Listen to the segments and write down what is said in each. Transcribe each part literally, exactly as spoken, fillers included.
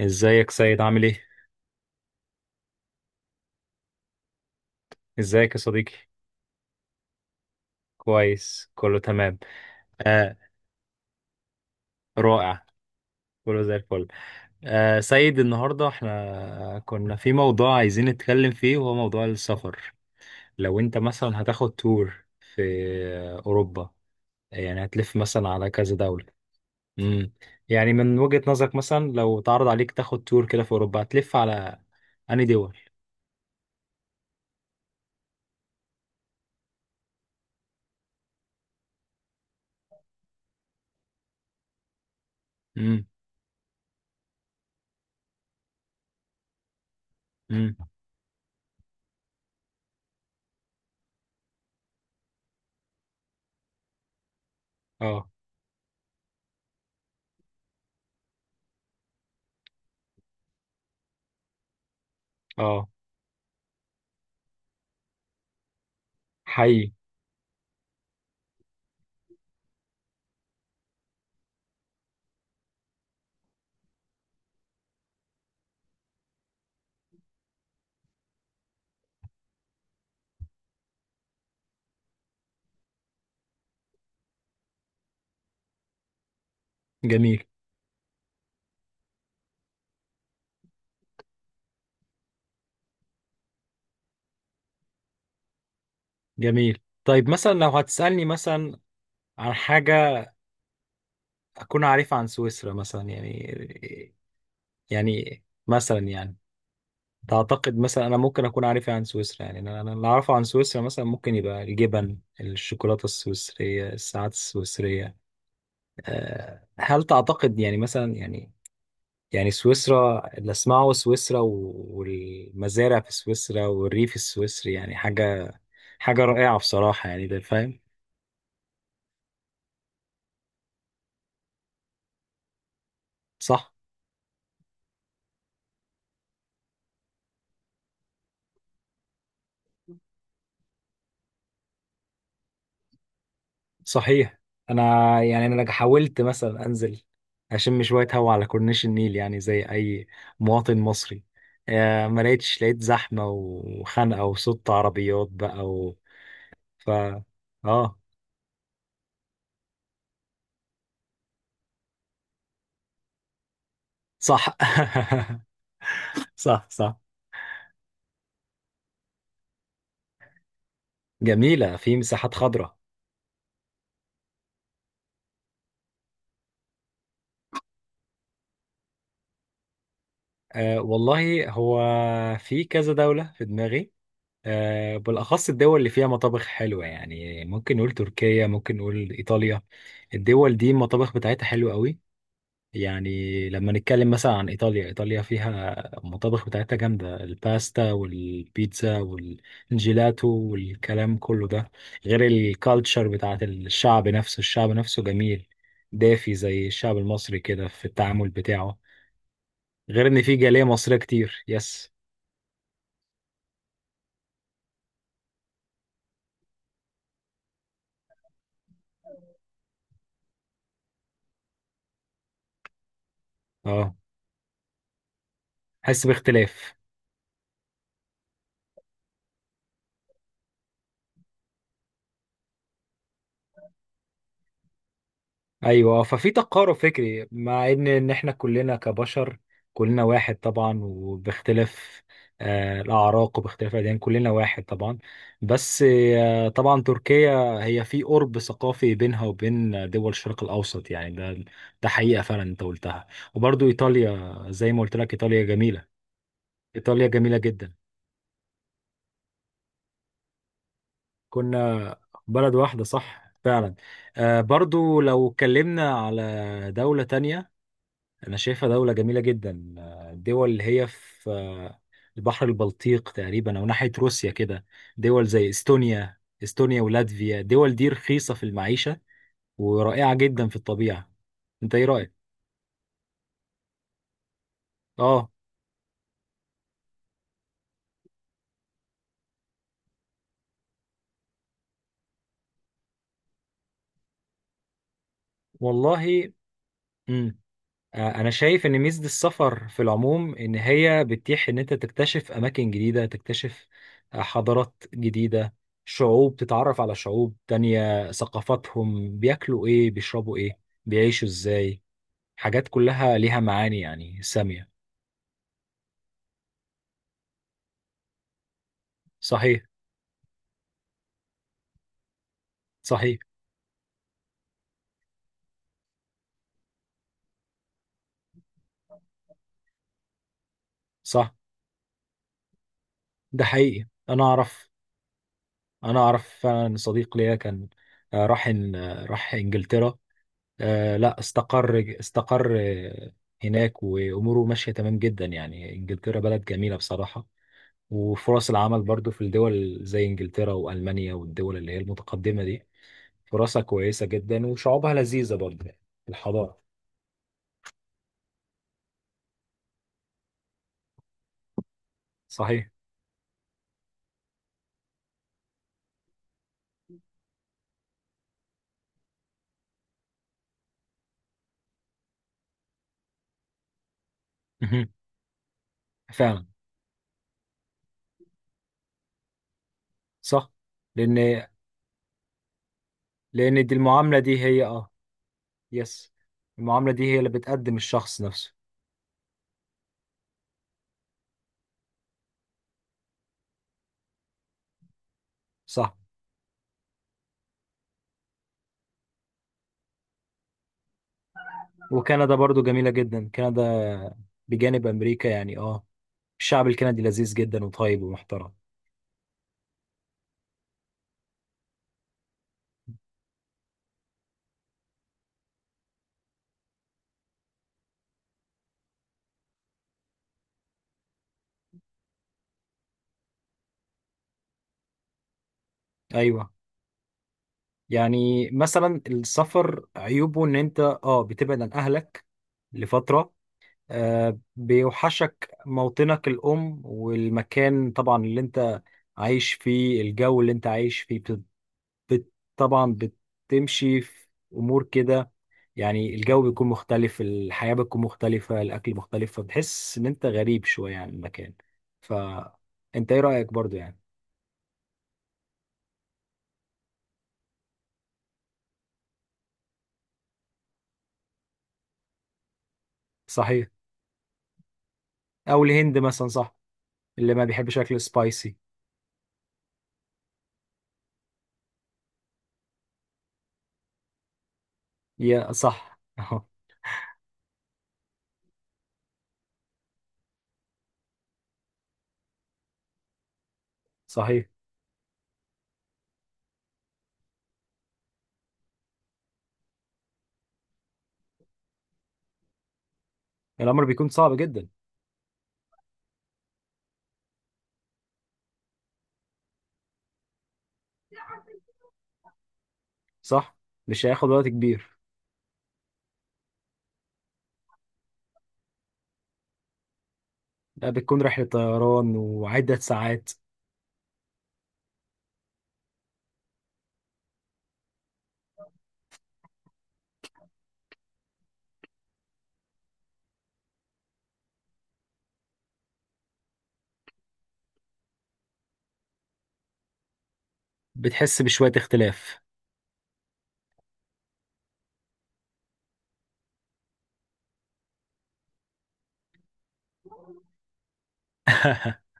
ازيك سيد، عامل ايه؟ ازيك يا صديقي؟ كويس، كله تمام. آه. رائع. كله زي الفل. آه سيد، النهارده احنا كنا في موضوع عايزين نتكلم فيه، وهو موضوع السفر. لو انت مثلا هتاخد تور في آه، اوروبا، يعني هتلف مثلا على كذا دولة. امم يعني، من وجهة نظرك مثلا، لو اتعرض عليك تاخد تور كده في اوروبا، هتلف على انهي دول؟ امم. امم. اه. اه. حقيقي. جميل. جميل. طيب مثلا، لو هتسألني مثلا عن حاجة أكون عارفها عن سويسرا، مثلا يعني يعني مثلا يعني تعتقد مثلا أنا ممكن أكون عارفها عن سويسرا، يعني أنا أنا اللي أعرفه عن سويسرا مثلا ممكن يبقى الجبن، الشوكولاتة السويسرية، الساعات السويسرية. أه هل تعتقد يعني، مثلا يعني يعني سويسرا اللي أسمعه سويسرا و- والمزارع في سويسرا والريف السويسري، يعني حاجة حاجة رائعة بصراحة، يعني ده فاهم. صح؟ صحيح. انا، يعني انا لك- حاولت مثلا انزل اشم شويه هوا على كورنيش النيل، يعني زي اي مواطن مصري. آه، ما لقيتش، لقيت زحمه وخنقه وصوت عربيات بقى و... ف اه. صح. صح، صح. جميله، في مساحات خضراء. آه والله، هو في كذا دوله في دماغي. آه بالاخص الدول اللي فيها مطابخ حلوه، يعني ممكن نقول تركيا، ممكن نقول ايطاليا. الدول دي المطابخ بتاعتها حلوه قوي. يعني لما نتكلم مثلا عن إيطاليا، إيطاليا فيها المطابخ بتاعتها جامدة، الباستا والبيتزا والجيلاتو والكلام كله ده. غير الكالتشر بتاعت الشعب نفسه، الشعب نفسه جميل، دافي زي الشعب المصري كده في التعامل بتاعه. غير إن في جالية مصرية كتير. يس. اه، حس باختلاف. ايوه، ففي تقارب فكري، مع ان ان احنا كلنا كبشر، كلنا واحد طبعا، وباختلاف آه، الاعراق وباختلاف الاديان، كلنا واحد طبعا. بس آه، طبعا تركيا هي في قرب ثقافي بينها وبين دول الشرق الاوسط، يعني ده ده حقيقه فعلا انت قلتها. وبرضو ايطاليا، زي ما قلت لك، ايطاليا جميله. ايطاليا جميله جدا. كنا بلد واحده، صح فعلا. آه، برضو لو اتكلمنا على دوله تانية، أنا شايفها دولة جميلة جدا. آه، الدول اللي هي في آه، البحر البلطيق تقريبا، أو ناحية روسيا كده. دول زي إستونيا إستونيا ولاتفيا، الدول دي رخيصة في المعيشة، ورائعة جدا في الطبيعة. أنت إيه رأيك؟ آه والله. مم. آه، أنا شايف إن ميزة السفر في العموم إن هي بتتيح إن أنت تكتشف أماكن جديدة، تكتشف آه، حضارات جديدة، شعوب، تتعرف على شعوب تانية، ثقافاتهم، بياكلوا إيه، بيشربوا إيه، بيعيشوا إزاي. حاجات كلها ليها معاني يعني سامية. صحيح. صحيح. صح. ده حقيقي. أنا أعرف. أنا أعرف فعلا، صديق ليا كان آه، راح إن- آه، راح إنجلترا. آه، لا، استقر استقر آه، هناك وأموره ماشية تمام جدا، يعني إنجلترا بلد جميلة بصراحة. وفرص العمل برضو في الدول زي إنجلترا وألمانيا، والدول اللي هي المتقدمة دي، فرصها كويسة جدا وشعوبها لذيذة برضو. الحضارة. صحيح. مهم. فعلا. صح. لأن لان دي، المعامله دي هي اه يس، المعامله دي هي اللي بتقدم الشخص نفسه. صح. وكندا برضو جميله جدا، كندا بجانب امريكا يعني. اه، الشعب الكندي لذيذ جدا، وطيب ومحترم. ايوه، يعني مثلا السفر عيوبه ان انت اه بتبعد عن اهلك لفتره. آه بيوحشك موطنك الام، والمكان طبعا اللي انت عايش فيه، الجو اللي انت عايش فيه. بت... بت... طبعا بتمشي في امور كده، يعني الجو بيكون مختلف، الحياة بتكون مختلفة، الأكل مختلف، فبتحس إن أنت غريب شوية عن المكان. فأنت إيه رأيك برضو يعني؟ صحيح. أو الهند مثلا، صح، اللي ما بيحبش أكل سبايسي. يا صح. أهو. صحيح. الأمر بيكون صعب جدا. صح، مش هياخد وقت كبير. لا، بتكون رحلة طيران وعدة ساعات. بتحس بشوية اختلاف.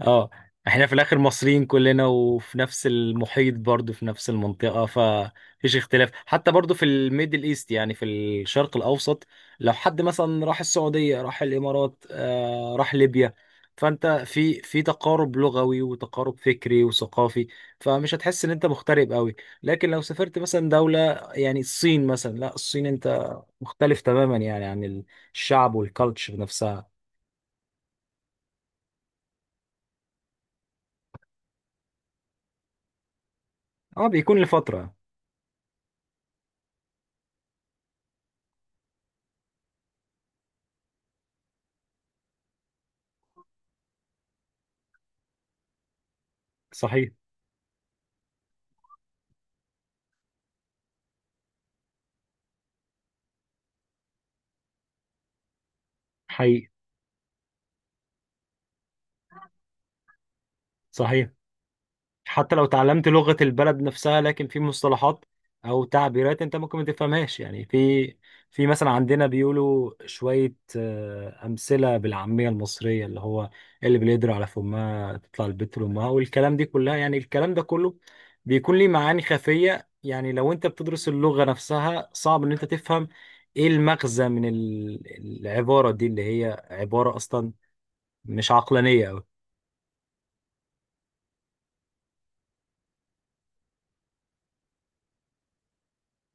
اه، احنا في الاخر مصريين كلنا، وفي نفس المحيط برضو، في نفس المنطقة، فمفيش اختلاف. حتى برضو في الميدل ايست، يعني في الشرق الاوسط، لو حد مثلا راح السعودية، راح الامارات، آه راح ليبيا، فانت في في تقارب لغوي وتقارب فكري وثقافي، فمش هتحس ان انت مغترب قوي. لكن لو سافرت مثلا دولة، يعني الصين مثلا. لا، الصين انت مختلف تماما يعني عن الشعب والكالتشر نفسها. اه، بيكون لفترة. صحيح. حقيقي. صحيح. حتى لو تعلمت لغة البلد نفسها، لكن في مصطلحات أو تعبيرات أنت ممكن ما تفهمهاش، يعني في في مثلا عندنا بيقولوا شوية آه، أمثلة بالعامية المصرية، اللي هو اللي باليدر على فمها تطلع البت لأمها، والكلام دي كلها، يعني الكلام ده كله بيكون ليه معاني خفية. يعني لو أنت بتدرس اللغة نفسها، صعب إن أنت تفهم إيه المغزى من ال- العبارة دي، اللي هي عبارة أصلا مش عقلانية أوي.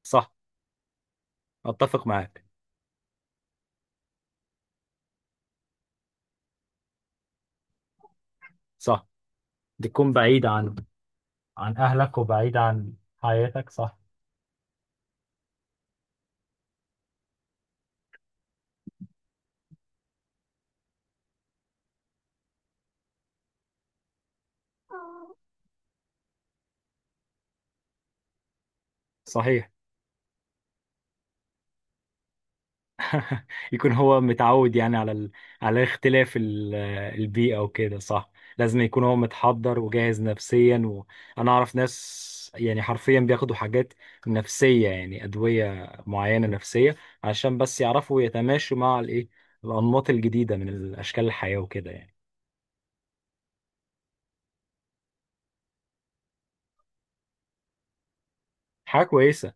صح. أتفق معاك. صح، بتكون بعيدة عنه، عن أهلك، وبعيد عن حياتك. صح. صحيح. يكون هو متعود يعني على ال... على اختلاف ال... البيئة وكده، صح. لازم يكون هو متحضر وجاهز نفسيا. وأنا أعرف ناس يعني حرفيا بياخدوا حاجات نفسية، يعني أدوية معينة نفسية، عشان بس يعرفوا يتماشوا مع الإيه، الأنماط الجديدة من الأشكال الحياة وكده يعني. حاجة كويسة.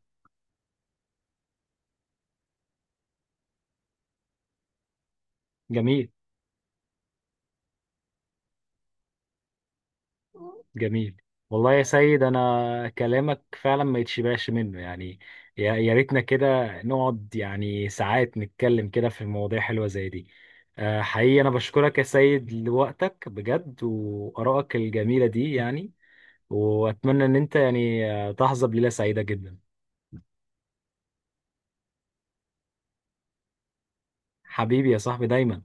جميل. جميل. والله يا سيد، انا كلامك فعلا ما يتشبعش منه يعني. يا يا ريتنا كده، نقعد يعني ساعات نتكلم كده في مواضيع حلوة زي دي. آه، حقيقي انا بشكرك يا سيد لوقتك بجد، وآرائك الجميلة دي يعني. واتمنى ان انت يعني آه، تحظى بليلة سعيدة جدا. حبيبي يا صاحبي دايما.